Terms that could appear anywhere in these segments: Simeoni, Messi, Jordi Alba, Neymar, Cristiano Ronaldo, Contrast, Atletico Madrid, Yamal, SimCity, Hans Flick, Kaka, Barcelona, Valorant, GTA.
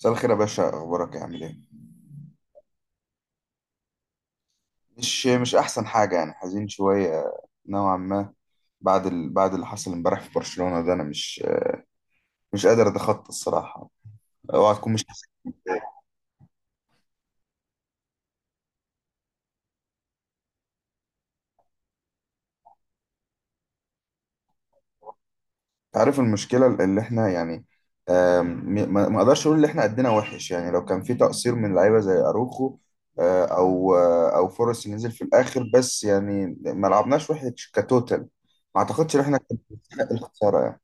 مساء الخير يا باشا، اخبارك إيه؟ عامل ايه؟ مش احسن حاجه، يعني حزين شويه، نوعا ما. بعد اللي حصل امبارح في برشلونه ده، انا مش قادر اتخطى الصراحه. اوعى تكون مش حاسس بيه. عارف المشكله اللي احنا، يعني آم، ما اقدرش اقول ان احنا قدنا وحش. يعني لو كان في تقصير من لعيبه زي اروخو، او فرص ينزل في الاخر، بس يعني ما لعبناش وحش كتوتال. ما اعتقدش ان احنا كنا نستحق الخساره يعني.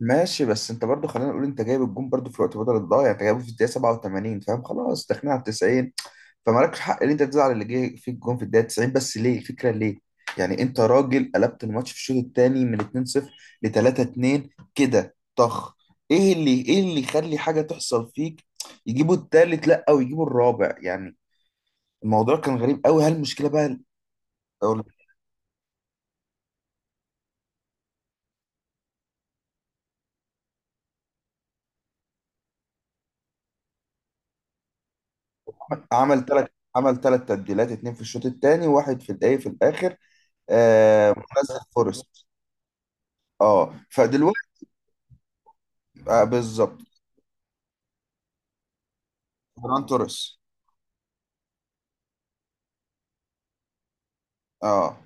ماشي، بس انت برضو خلينا نقول انت جايب الجون برضو في الوقت بدل الضايع، انت جايبه في الدقيقه 87، فاهم؟ خلاص داخلين على 90. فمالكش حق ان انت تزعل اللي جه فيك الجون في الدقيقه 90. بس ليه الفكره ليه؟ يعني انت راجل قلبت الماتش في الشوط الثاني من 2-0 ل 3-2، كده طخ. ايه اللي يخلي حاجه تحصل فيك، يجيبوا الثالث، لا ويجيبوا الرابع يعني؟ الموضوع كان غريب قوي. هل المشكله بقى، أو، عمل ثلاث عمل ثلاث تبديلات، اتنين في الشوط الثاني وواحد في الايه، في الاخر. آه، نزل فورست. اه، فدلوقتي آه بالظبط، فران توريس. اه،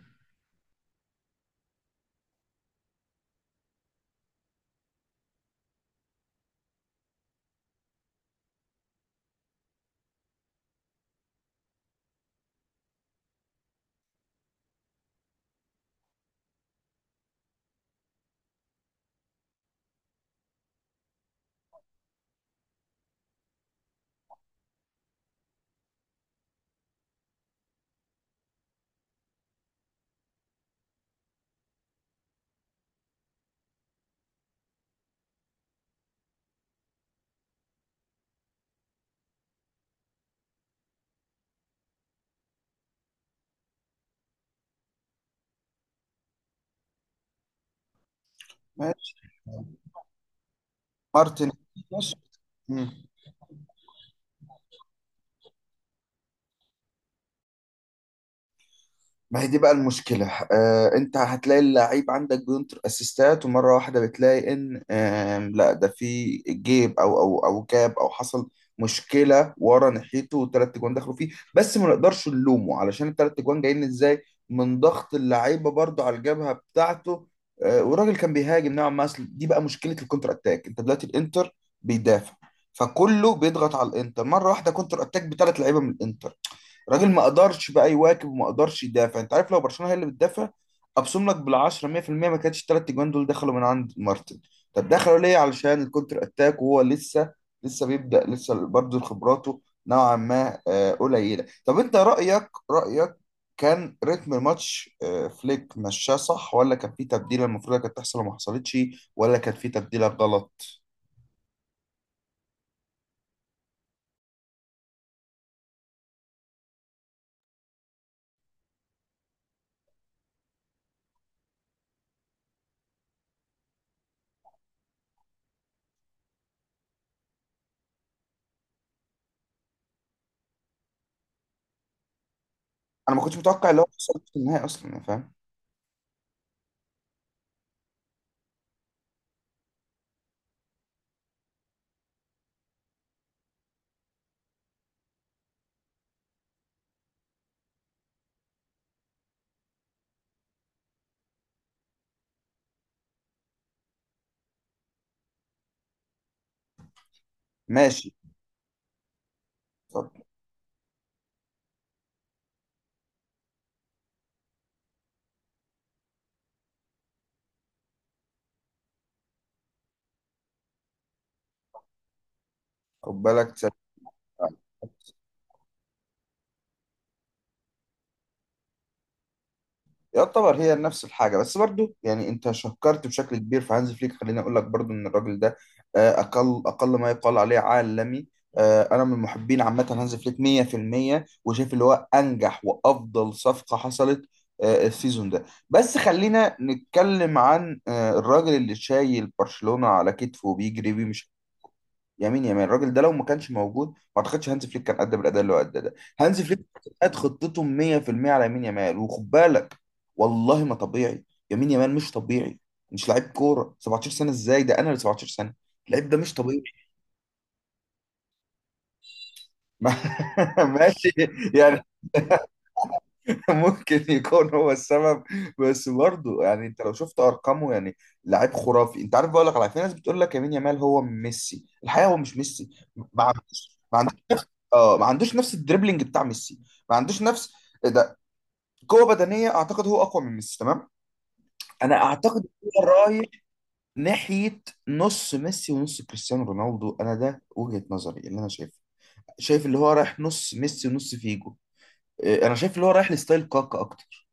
ماشي. مارتن. ماشي، ما هي دي بقى المشكلة. آه، انت هتلاقي اللعيب عندك بينطر اسيستات، ومرة واحدة بتلاقي ان آه، لا، ده في جيب، او او جاب، او حصل مشكلة ورا ناحيته، والتلات جوان دخلوا فيه. بس ما نقدرش نلومه علشان التلات جوان جايين ازاي، من ضغط اللعيبة برضو على الجبهة بتاعته. آه، والراجل كان بيهاجم نوعا ما، أصل دي بقى مشكلة الكونتر اتاك. انت دلوقتي الانتر بيدافع، فكله بيضغط على الانتر مرة واحدة، كونتر اتاك بثلاث لعيبة من الانتر. راجل ما قدرش بقى يواكب وما قدرش يدافع. انت عارف لو برشلونه هي اللي بتدافع، ابصم لك بالعشرة 100% ما كانتش الثلاث اجوان دول دخلوا من عند مارتن. طب دخلوا ليه؟ علشان الكونتر اتاك وهو لسه بيبدأ، لسه برضه خبراته نوعا ما قليله. طب انت رأيك، كان رتم الماتش، فليك مشاه صح ولا كان في تبديله المفروض كانت تحصل وما حصلتش، ولا كان في تبديله غلط؟ انا ما كنتش متوقع اللي هو حصل في النهائي اصلا. أنا فاهم. ماشي. اتفضل. خد بالك. تسلم. يعتبر هي نفس الحاجة، بس برضو يعني انت شكرت بشكل كبير في هانز فليك. خليني اقول لك برضو ان الراجل ده اقل ما يقال عليه عالمي. انا من محبين عامة هانز فليك 100%، وشايف اللي هو انجح وافضل صفقة حصلت السيزون ده. بس خلينا نتكلم عن الراجل اللي شايل برشلونة على كتفه وبيجري بيه. يمين الراجل ده، لو ما كانش موجود ما اعتقدش هانز فليك كان قدم الاداء اللي هو اداه ده. هانز فليك قد خطتهم 100% على يمين يمال. وخد بالك، والله ما طبيعي. يمين يمال مش طبيعي. مش لعيب كوره 17 سنه، ازاي ده؟ انا اللي 17 سنه. اللعيب ده مش طبيعي. ما- ماشي يعني، ممكن يكون هو السبب، بس برضه يعني انت لو شفت ارقامه، يعني لعيب خرافي. انت عارف، بقول لك على في ناس بتقول لك يمين يمال هو ميسي، الحقيقه هو مش ميسي. ما عندوش، اه، ما عندوش نفس الدريبلينج بتاع ميسي. ما عندوش نفس، إيه ده، قوه بدنيه. اعتقد هو اقوى من ميسي. تمام، انا اعتقد هو رايح ناحيه نص ميسي ونص كريستيانو رونالدو. انا ده وجهه نظري اللي انا شايفه. شايف اللي هو رايح نص ميسي ونص فيجو. إيه، انا شايف اللي هو رايح لستايل كاكا اكتر.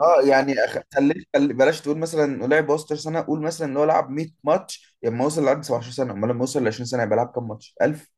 اه، يعني خليك، بلاش تقول مثلا لعب 16 سنه، قول مثلا اللي هو لعب 100 ماتش لما وصل لعب 17 سنه. امال لما وصل ل 20 سنه يبقى لعب كام ماتش، 1000؟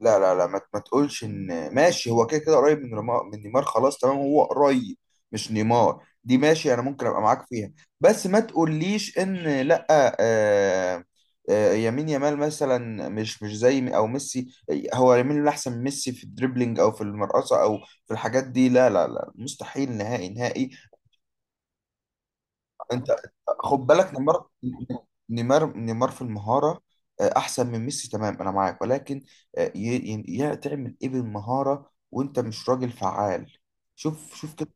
لا لا لا، ما تقولش ان ماشي، هو كده كده قريب من من نيمار. خلاص تمام، هو قريب. مش نيمار دي، ماشي، انا ممكن ابقى معاك فيها. بس ما تقوليش ان، لا، يمين يامال مثلا مش زي او ميسي. هو يمين يامال احسن من ميسي في الدريبلينج او في المرقصه او في الحاجات دي؟ لا لا لا، مستحيل، نهائي نهائي. انت خد بالك، نيمار في المهاره احسن من ميسي، تمام انا معاك، ولكن يا تعمل ايه بالمهاره وانت مش راجل فعال؟ شوف شوف كده.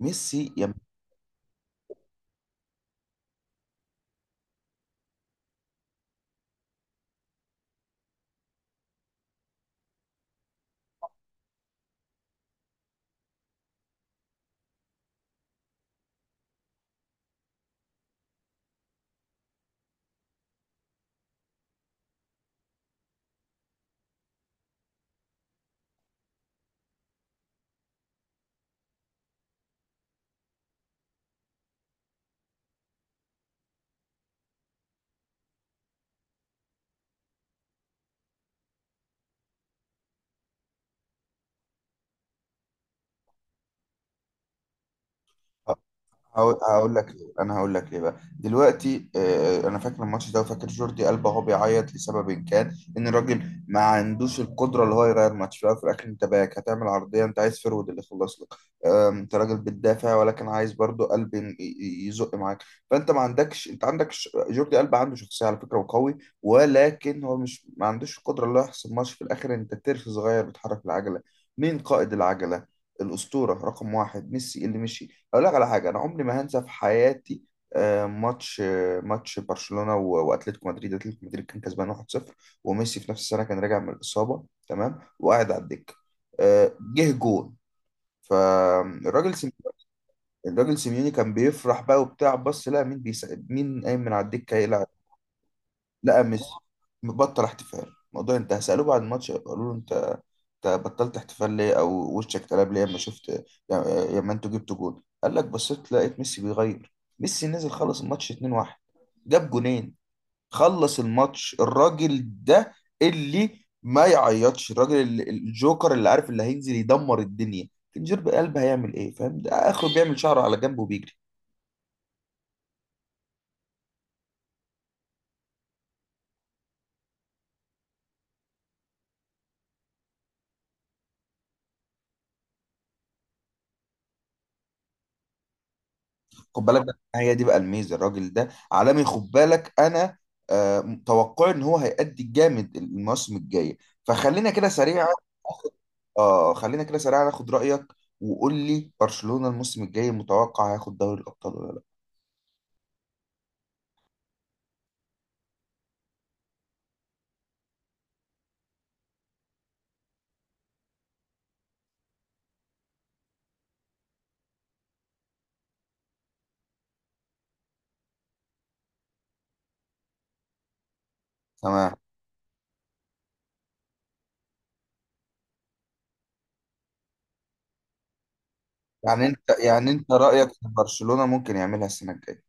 ميسي يعني. هقول لك ليه، انا هقول لك ليه بقى دلوقتي. انا فاكر الماتش ده، وفاكر جوردي ألبا هو بيعيط لسبب كان ان الراجل ما عندوش القدره اللي هو يغير ماتش في الأول وفي الاخر. انت باك، هتعمل عرضيه، انت عايز فرود اللي يخلص لك. انت راجل بتدافع ولكن عايز برضو قلب يزق معاك. فانت ما عندكش، انت عندك، جوردي ألبا عنده شخصيه على فكره وقوي، ولكن هو مش، ما عندوش القدره اللي هو يحسم ماتش في الاخر. انت ترس صغير بتحرك العجله. مين قائد العجله؟ الاسطوره رقم واحد ميسي، اللي مشي. اقول لك على حاجه انا عمري ما هنسى في حياتي. ماتش برشلونه و- واتلتيكو مدريد، اتلتيكو مدريد كان كسبان 1-0، وميسي في نفس السنه كان راجع من الاصابه، تمام، وقاعد على الدكه. جه جون، فالراجل سيم... الراجل سيميوني كان بيفرح بقى وبتاع. بص، لا، مين قايم من على الدكه يلعب؟ لا، ميسي! مبطل احتفال. الموضوع انت هسأله بعد الماتش قالوا له انت، بطلت احتفال ليه؟ او وشك اتقلب ليه لما شفت، لما انتوا جبتوا جول، قال لك بصيت لقيت ميسي بيغير. ميسي نزل خلص الماتش 2-1، جاب جونين، خلص الماتش الراجل ده، اللي ما يعيطش، الراجل الجوكر، اللي عارف اللي هينزل يدمر الدنيا. فنجير بقلب هيعمل ايه؟ فاهم؟ ده اخره بيعمل شعره على جنبه وبيجري. خد بالك بقى، هي دي بقى الميزه، الراجل ده عالمي. خد بالك انا متوقع ان هو هيأدي الجامد الموسم الجاي. فخلينا كده سريعا، آخد- اه خلينا كده سريعا، اخد رأيك، وقول لي برشلونة الموسم الجاي متوقع هياخد دوري الابطال ولا لا؟ تمام. يعني انت، رأيك ان برشلونة ممكن يعملها السنة الجاية؟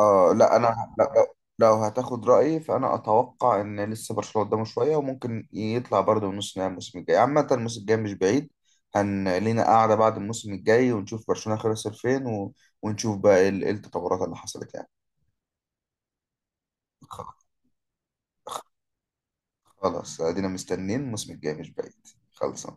آه، لا انا، لا، لو هتاخد رايي، فانا اتوقع ان لسه برشلونه قدامه شويه، وممكن يطلع برضه من نص نهائي الموسم الجاي. عامه الموسم الجاي مش بعيد. هن لينا قاعده بعد الموسم الجاي ونشوف برشلونه خلص فين، و... ونشوف بقى ايه إيه التطورات اللي حصلت يعني. خ- خلاص، ادينا مستنيين الموسم الجاي مش بعيد. خلصان.